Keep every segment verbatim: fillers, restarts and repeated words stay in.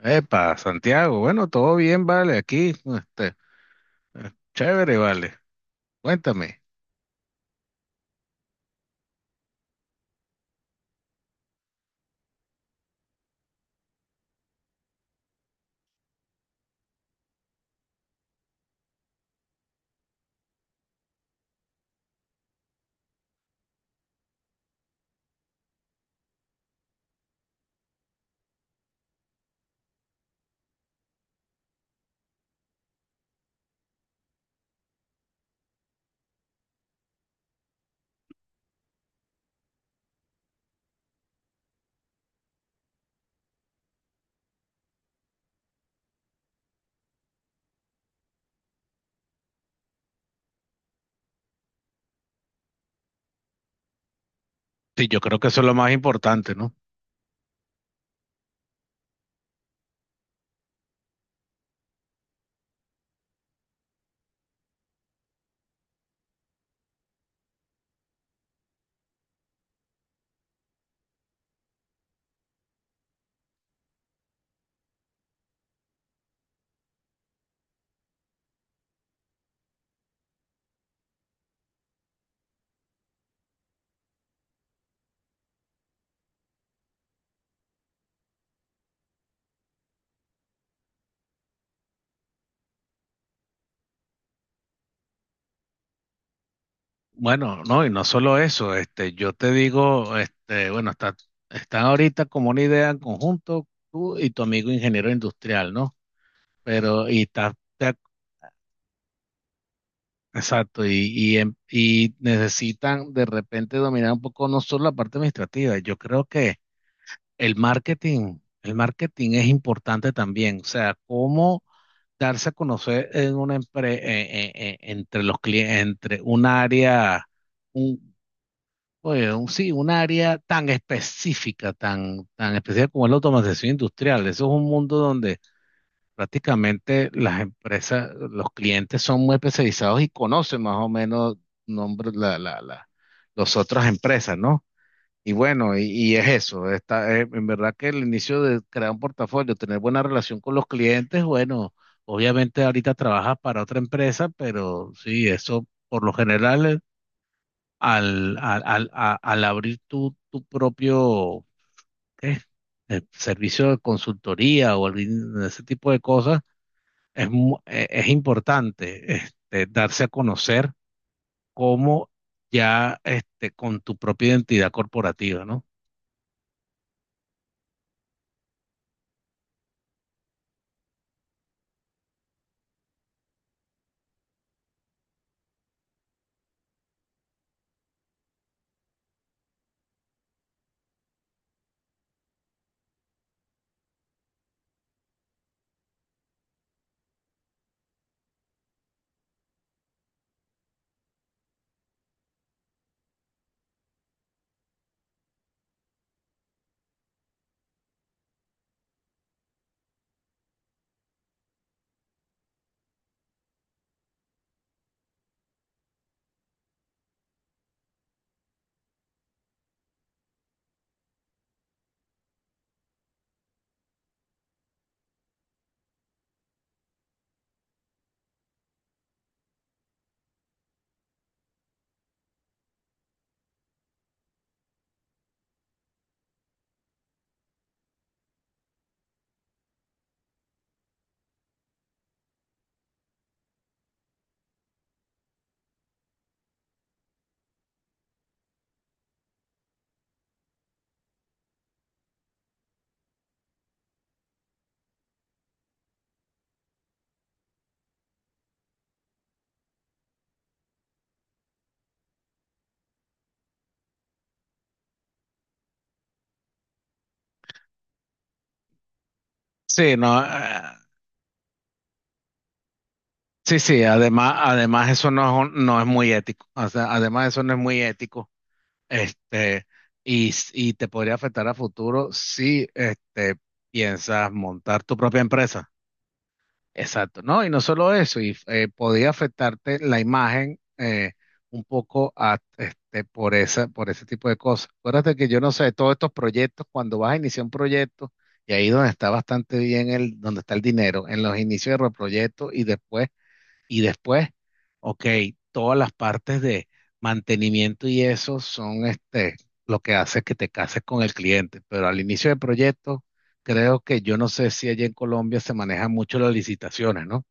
Epa, Santiago, bueno, todo bien, vale, aquí, este, eh, chévere, vale, cuéntame. Sí, yo creo que eso es lo más importante, ¿no? Bueno, no, y no solo eso, este, yo te digo, este, bueno, está, están ahorita como una idea en conjunto tú y tu amigo ingeniero industrial, ¿no? Pero, y está, está- exacto, y, y, em- y necesitan de repente dominar un poco no solo la parte administrativa, yo creo que el marketing, el marketing es importante también, o sea, cómo darse a conocer en una empre- eh, eh, eh, entre los clientes, entre un área, un, oye, un- sí, un área tan específica, tan, tan específica como es la automatización industrial. Eso es un mundo donde prácticamente las empresas, los clientes son muy especializados y conocen más o menos nombres, la, la, la, las otras empresas, ¿no? Y bueno, y, y es eso, está, eh, en verdad que el inicio de crear un portafolio, tener buena relación con los clientes, bueno, obviamente ahorita trabajas para otra empresa, pero sí, eso por lo general eh, al, al, al, a- al abrir tu, tu propio ¿qué? Eh, servicio de consultoría o algún- ese tipo de cosas, es, mu- eh, es importante este, darse a conocer como ya este, con tu propia identidad corporativa, ¿no? Sí, no. Sí, sí, además, además eso no es, un- no es muy ético. O sea, además eso no es muy ético. Este, y, s- y te podría afectar a futuro si este, piensas montar tu propia empresa. Exacto, ¿no? Y no solo eso, y eh, podría afectarte la imagen eh, un poco a, este, por esa, por ese tipo de cosas. Acuérdate que yo no sé, todos estos proyectos, cuando vas a iniciar un proyecto, y ahí donde está bastante bien el, donde está el dinero, en los inicios de los proyectos y después y después, ok, todas las partes de mantenimiento y eso son este, lo que hace que te cases con el cliente. Pero al inicio del proyecto, creo que yo no sé si allá en Colombia se manejan mucho las licitaciones, ¿no?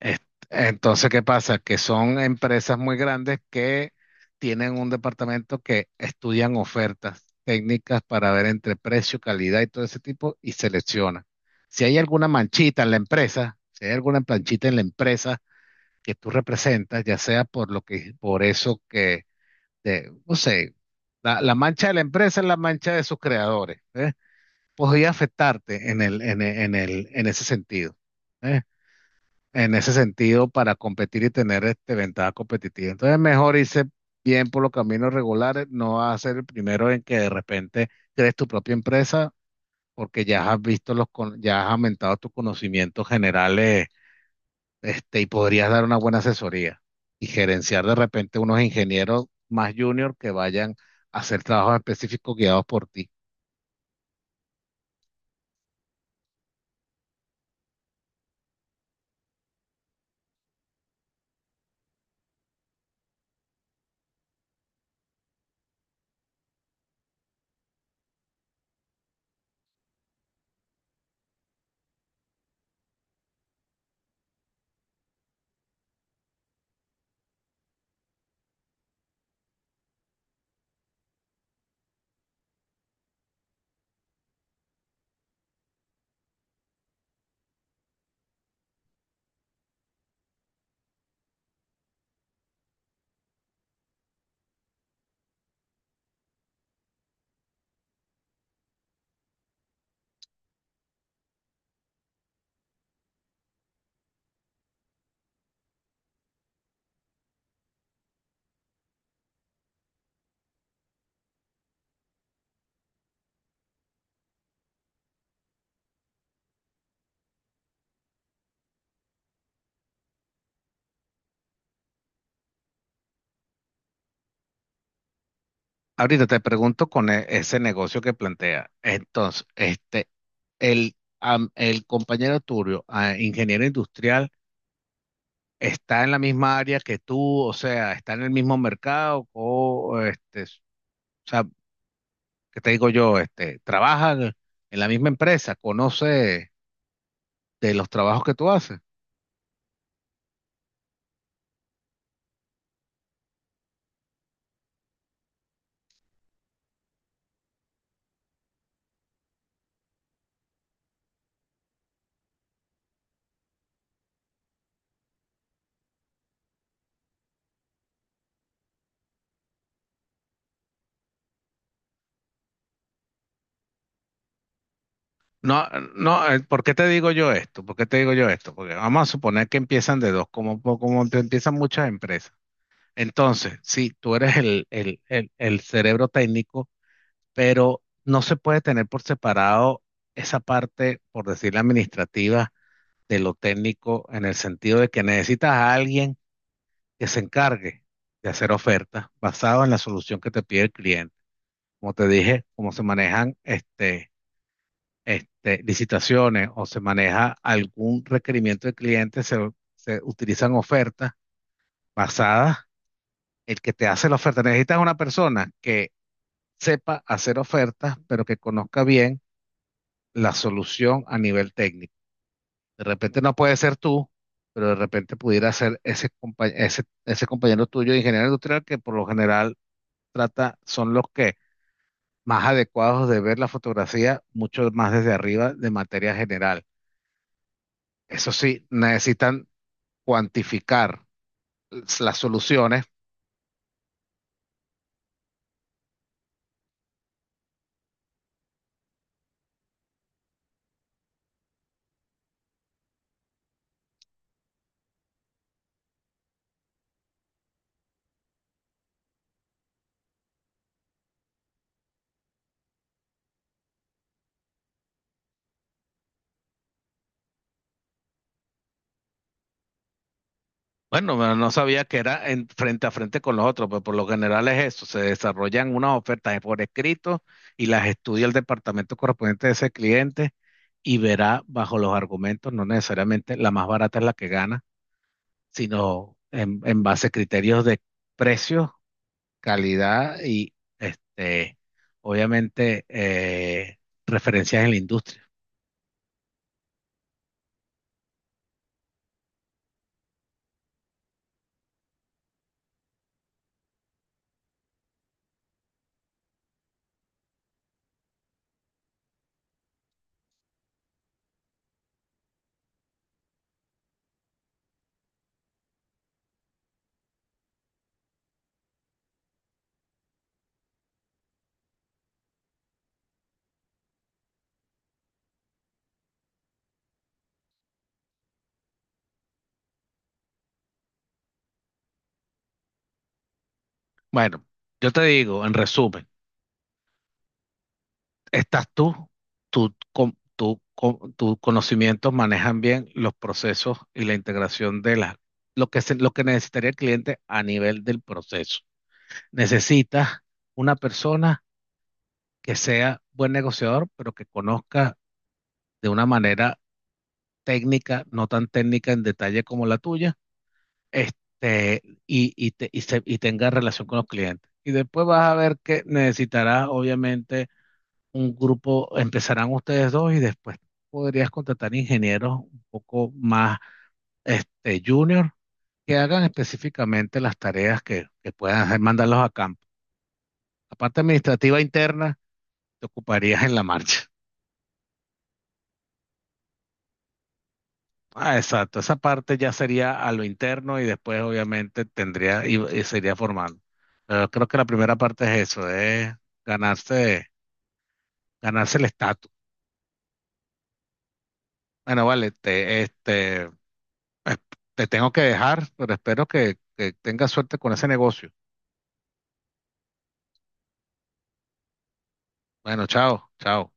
Es- entonces, ¿qué pasa? Que son empresas muy grandes que tienen un departamento que estudian ofertas técnicas para ver entre precio, calidad y todo ese tipo y selecciona. Si hay alguna manchita en la empresa, si hay alguna planchita en la empresa, que tú representas, ya sea por lo que, por eso que, de- no sé, la, la mancha de la empresa es la mancha de sus creadores, ¿eh? Podría afectarte en el, en el, en el, en ese sentido, ¿eh? En ese sentido, para competir y tener este ventaja competitiva. Entonces, mejor irse bien por los caminos regulares, no vas a ser el primero en que de repente crees tu propia empresa, porque ya has visto los, con- ya has aumentado tus conocimientos generales este, y podrías dar una buena asesoría y gerenciar de repente unos ingenieros más junior que vayan a hacer trabajos específicos guiados por ti. Ahorita te pregunto con e- ese negocio que plantea. Entonces, este, el, am- el compañero Turio, ah, ingeniero industrial, ¿está en la misma área que tú? O sea, ¿está en el mismo mercado? O, este, s- o sea, ¿qué te digo yo? Este, ¿trabaja en la misma empresa? ¿Conoce de los trabajos que tú haces? No, no, eh, ¿por qué te digo yo esto? ¿Por qué te digo yo esto? Porque vamos a suponer que empiezan de dos, como, po- como te empiezan muchas empresas. Entonces, sí, tú eres el, el, el, el cerebro técnico, pero no se puede tener por separado esa parte, por decir la administrativa, de lo técnico, en el sentido de que necesitas a alguien que se encargue de hacer ofertas basado en la solución que te pide el cliente. Como te dije, cómo se manejan este este, licitaciones o se maneja algún requerimiento del cliente, se, se utilizan ofertas basadas. El que te hace la oferta, necesitas una persona que sepa hacer ofertas, pero que conozca bien la solución a nivel técnico. De repente no puede ser tú, pero de repente pudiera ser ese, compa- ese, ese compañero tuyo de ingeniero industrial que por lo general trata, son los que más adecuados de ver la fotografía, mucho más desde arriba de materia general. Eso sí, necesitan cuantificar las soluciones. Bueno, no sabía que era en, frente a frente con los otros, pero por lo general es eso, se desarrollan unas ofertas por escrito y las estudia el departamento correspondiente de ese cliente y verá bajo los argumentos, no necesariamente la más barata es la que gana, sino en, en base a criterios de precio, calidad y este, obviamente eh, referencias en la industria. Bueno, yo te digo, en resumen, estás tú, tú con, tú con- tus conocimientos manejan bien los procesos y la integración de las, lo que se- lo que necesitaría el cliente a nivel del proceso. Necesitas una persona que sea buen negociador, pero que conozca de una manera técnica, no tan técnica en detalle como la tuya, este, y, y, te- y se- y tenga relación con los clientes. Y después vas a ver que necesitarás, obviamente, un grupo, empezarán ustedes dos y después podrías contratar ingenieros un poco más este, junior que hagan específicamente las tareas que, que puedan hacer, mandarlos a campo. La parte administrativa interna te ocuparías en la marcha. Ah, exacto, esa parte ya sería a lo interno y después obviamente tendría y, y sería formando. Pero creo que la primera parte es eso, es ganarse, ganarse el estatus. Bueno, vale, te, este, Eh, te tengo que dejar, pero espero que, que tengas suerte con ese negocio. Bueno, chao, chao.